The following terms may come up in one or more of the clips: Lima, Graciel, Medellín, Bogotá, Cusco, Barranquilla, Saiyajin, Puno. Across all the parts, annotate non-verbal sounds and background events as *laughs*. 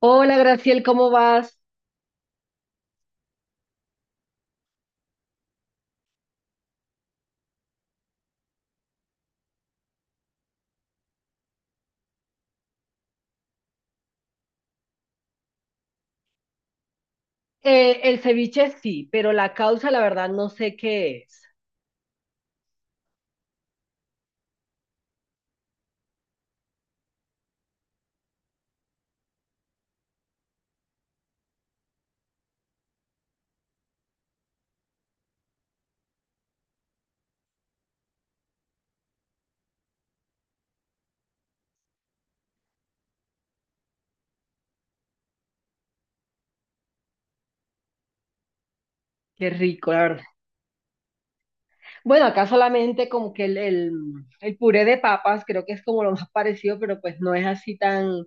Hola, Graciel, ¿cómo vas? El ceviche sí, pero la causa, la verdad, no sé qué es. Qué rico, la verdad. Bueno, acá solamente como que el puré de papas, creo que es como lo más parecido, pero pues no es así tan... O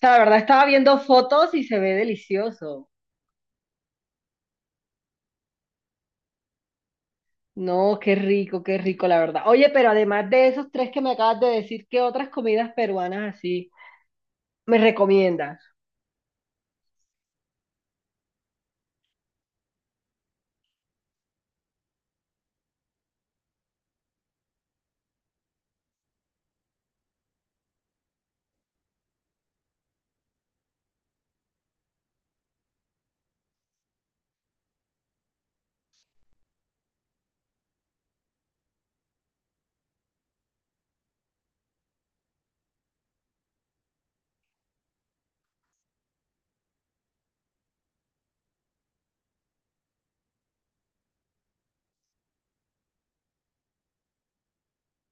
sea, la verdad, estaba viendo fotos y se ve delicioso. No, qué rico, la verdad. Oye, pero además de esos tres que me acabas de decir, ¿qué otras comidas peruanas así me recomiendas?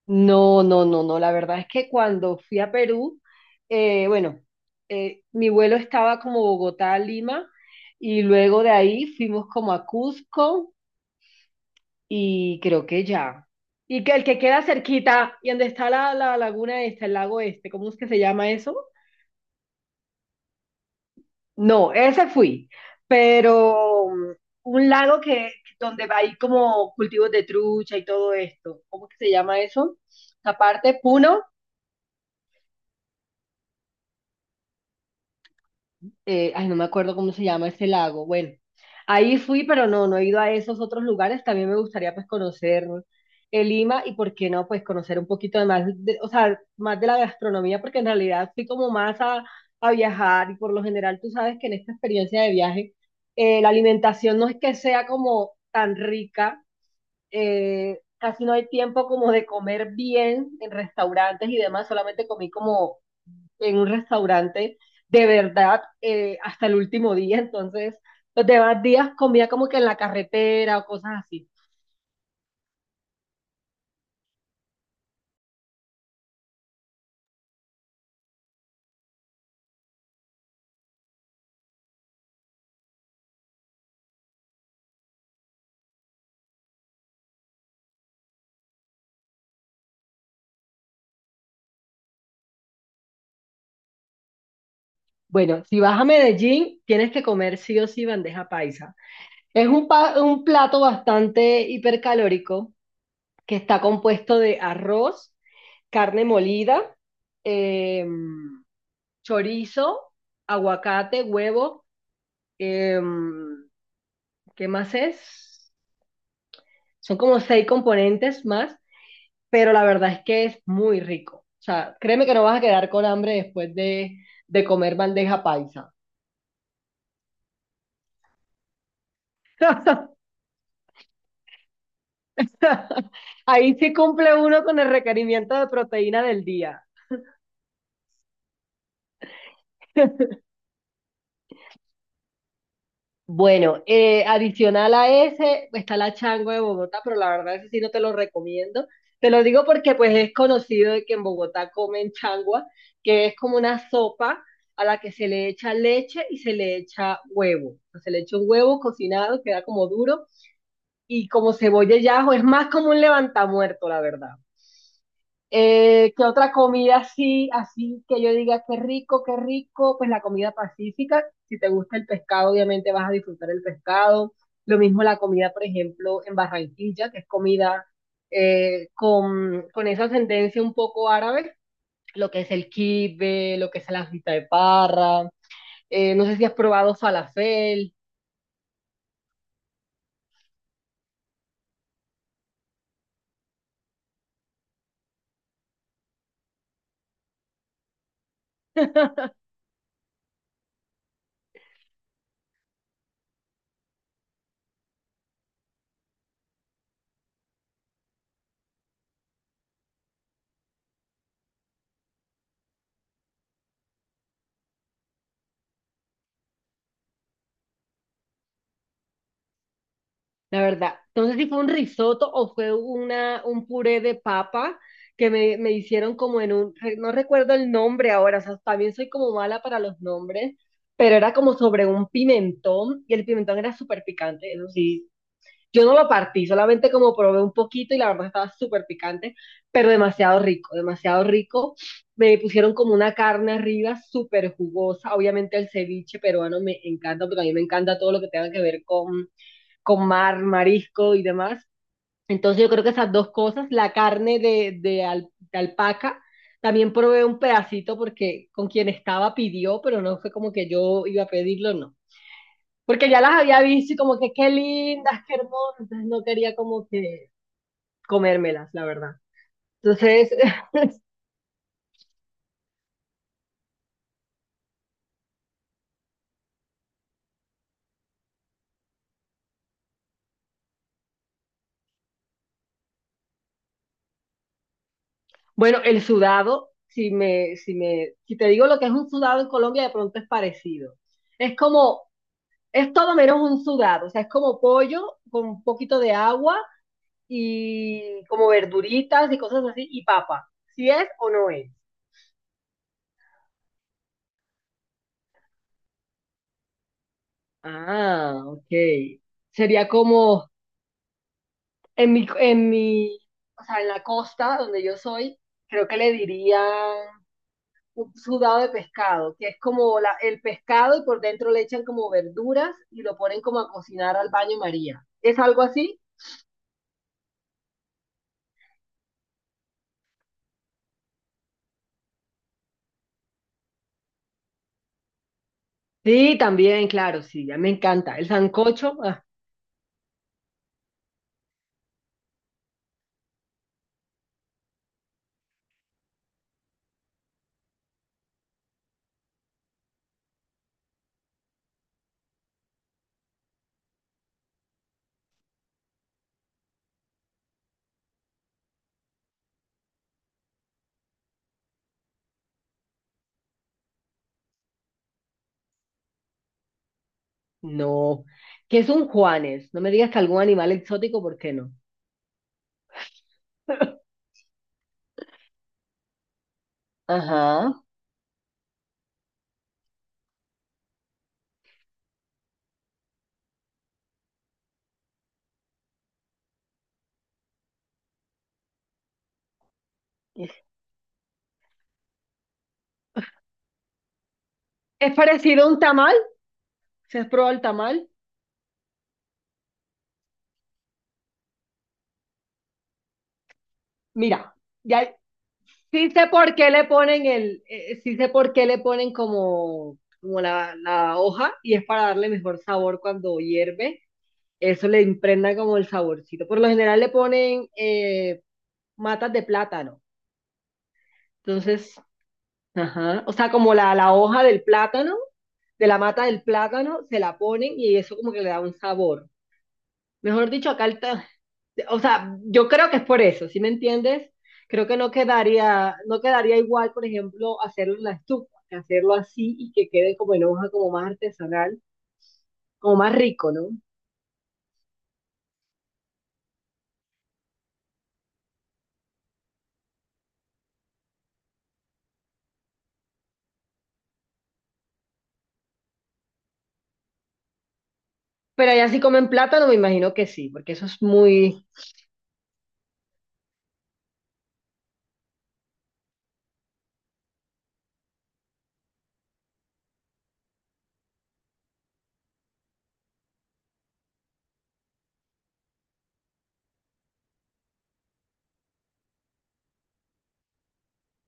No, no, no, no. La verdad es que cuando fui a Perú, bueno, mi vuelo estaba como Bogotá a Lima y luego de ahí fuimos como a Cusco y creo que ya. Y que el que queda cerquita y donde está la laguna esta, el lago este, ¿cómo es que se llama eso? No, ese fui, pero un lago que donde hay como cultivos de trucha y todo esto. ¿Cómo que se llama eso? Aparte, Puno. Ay, no me acuerdo cómo se llama ese lago. Bueno, ahí fui, pero no, no he ido a esos otros lugares. También me gustaría pues conocer Lima y por qué no, pues conocer un poquito de más, o sea, más de la gastronomía, porque en realidad fui como más a viajar y por lo general tú sabes que en esta experiencia de viaje la alimentación no es que sea como tan rica. Casi no hay tiempo como de comer bien en restaurantes y demás, solamente comí como en un restaurante de verdad hasta el último día, entonces los demás días comía como que en la carretera o cosas así. Bueno, si vas a Medellín, tienes que comer sí o sí bandeja paisa. Es un plato bastante hipercalórico que está compuesto de arroz, carne molida, em, chorizo, aguacate, huevo, em, ¿qué más es? Son como 6 componentes más, pero la verdad es que es muy rico. O sea, créeme que no vas a quedar con hambre después de comer bandeja paisa. *laughs* Ahí sí cumple uno con el requerimiento de proteína del día. Bueno, adicional a ese está la chango de Bogotá, pero la verdad ese sí no te lo recomiendo. Te lo digo porque pues es conocido de que en Bogotá comen changua, que es como una sopa a la que se le echa leche y se le echa huevo. Se le echa un huevo cocinado, queda como duro y como cebolla y ajo, es más como un levantamuerto, la verdad. ¿Qué otra comida así, así que yo diga qué rico, qué rico? Pues la comida pacífica, si te gusta el pescado, obviamente vas a disfrutar el pescado. Lo mismo la comida, por ejemplo, en Barranquilla, que es comida con esa ascendencia un poco árabe, lo que es el kibbe, lo que es la fita de parra. No sé si has probado falafel. La verdad, no sé si fue un risotto o fue un puré de papa que me hicieron como en un, no recuerdo el nombre ahora, o sea, también soy como mala para los nombres, pero era como sobre un pimentón y el pimentón era súper picante, eso sí, yo no lo partí, solamente como probé un poquito y la verdad estaba súper picante, pero demasiado rico, demasiado rico. Me pusieron como una carne arriba súper jugosa, obviamente el ceviche peruano me encanta, porque a mí me encanta todo lo que tenga que ver con mar, marisco y demás. Entonces yo creo que esas dos cosas, la carne de alpaca, también probé un pedacito porque con quien estaba pidió, pero no fue como que yo iba a pedirlo, no. Porque ya las había visto y como que qué lindas, qué hermosas, entonces no quería como que comérmelas, la verdad. Entonces, *laughs* bueno, el sudado, si te digo lo que es un sudado en Colombia, de pronto es parecido. Es como, es todo menos un sudado, o sea, es como pollo con un poquito de agua y como verduritas y cosas así, y papa. ¿Si es o no es? Ah, ok. Sería como en mi, en mi, o sea, en la costa donde yo soy, creo que le dirían un sudado de pescado, que es como el pescado y por dentro le echan como verduras y lo ponen como a cocinar al baño María. ¿Es algo así? Sí, también, claro, sí, ya me encanta. El sancocho, ah, no. ¿Qué es un Juanes? No me digas que algún animal exótico, ¿por qué no? *laughs* Ajá. Es parecido a un tamal. ¿Se has probado el tamal? Mira, ya sí sé por qué le ponen el, sí sé por qué le ponen como, como la hoja y es para darle mejor sabor cuando hierve. Eso le impregna como el saborcito. Por lo general le ponen matas de plátano. Entonces, ajá, o sea, como la hoja del plátano, de la mata del plátano, se la ponen y eso como que le da un sabor. Mejor dicho, acá el, o sea, yo creo que es por eso, ¿sí me entiendes? Creo que no quedaría, no quedaría igual, por ejemplo, hacerlo en la estufa, que hacerlo así y que quede como en hoja, como más artesanal, como más rico, ¿no? Pero allá sí comen plátano, me imagino que sí, porque eso es muy...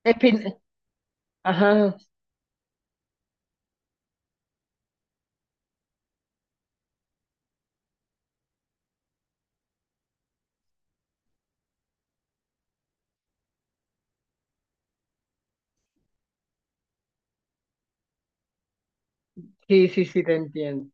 espin- Ajá, sí, sí, sí, te entiendo.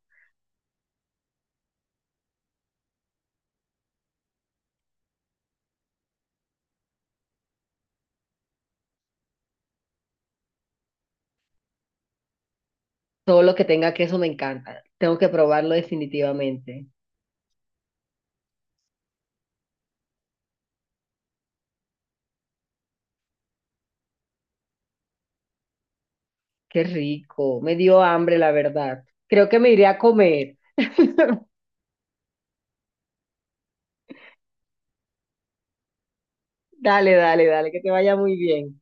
Todo lo que tenga queso me encanta. Tengo que probarlo definitivamente. Qué rico. Me dio hambre, la verdad. Creo que me iré a comer. *laughs* Dale, dale, dale, que te vaya muy bien.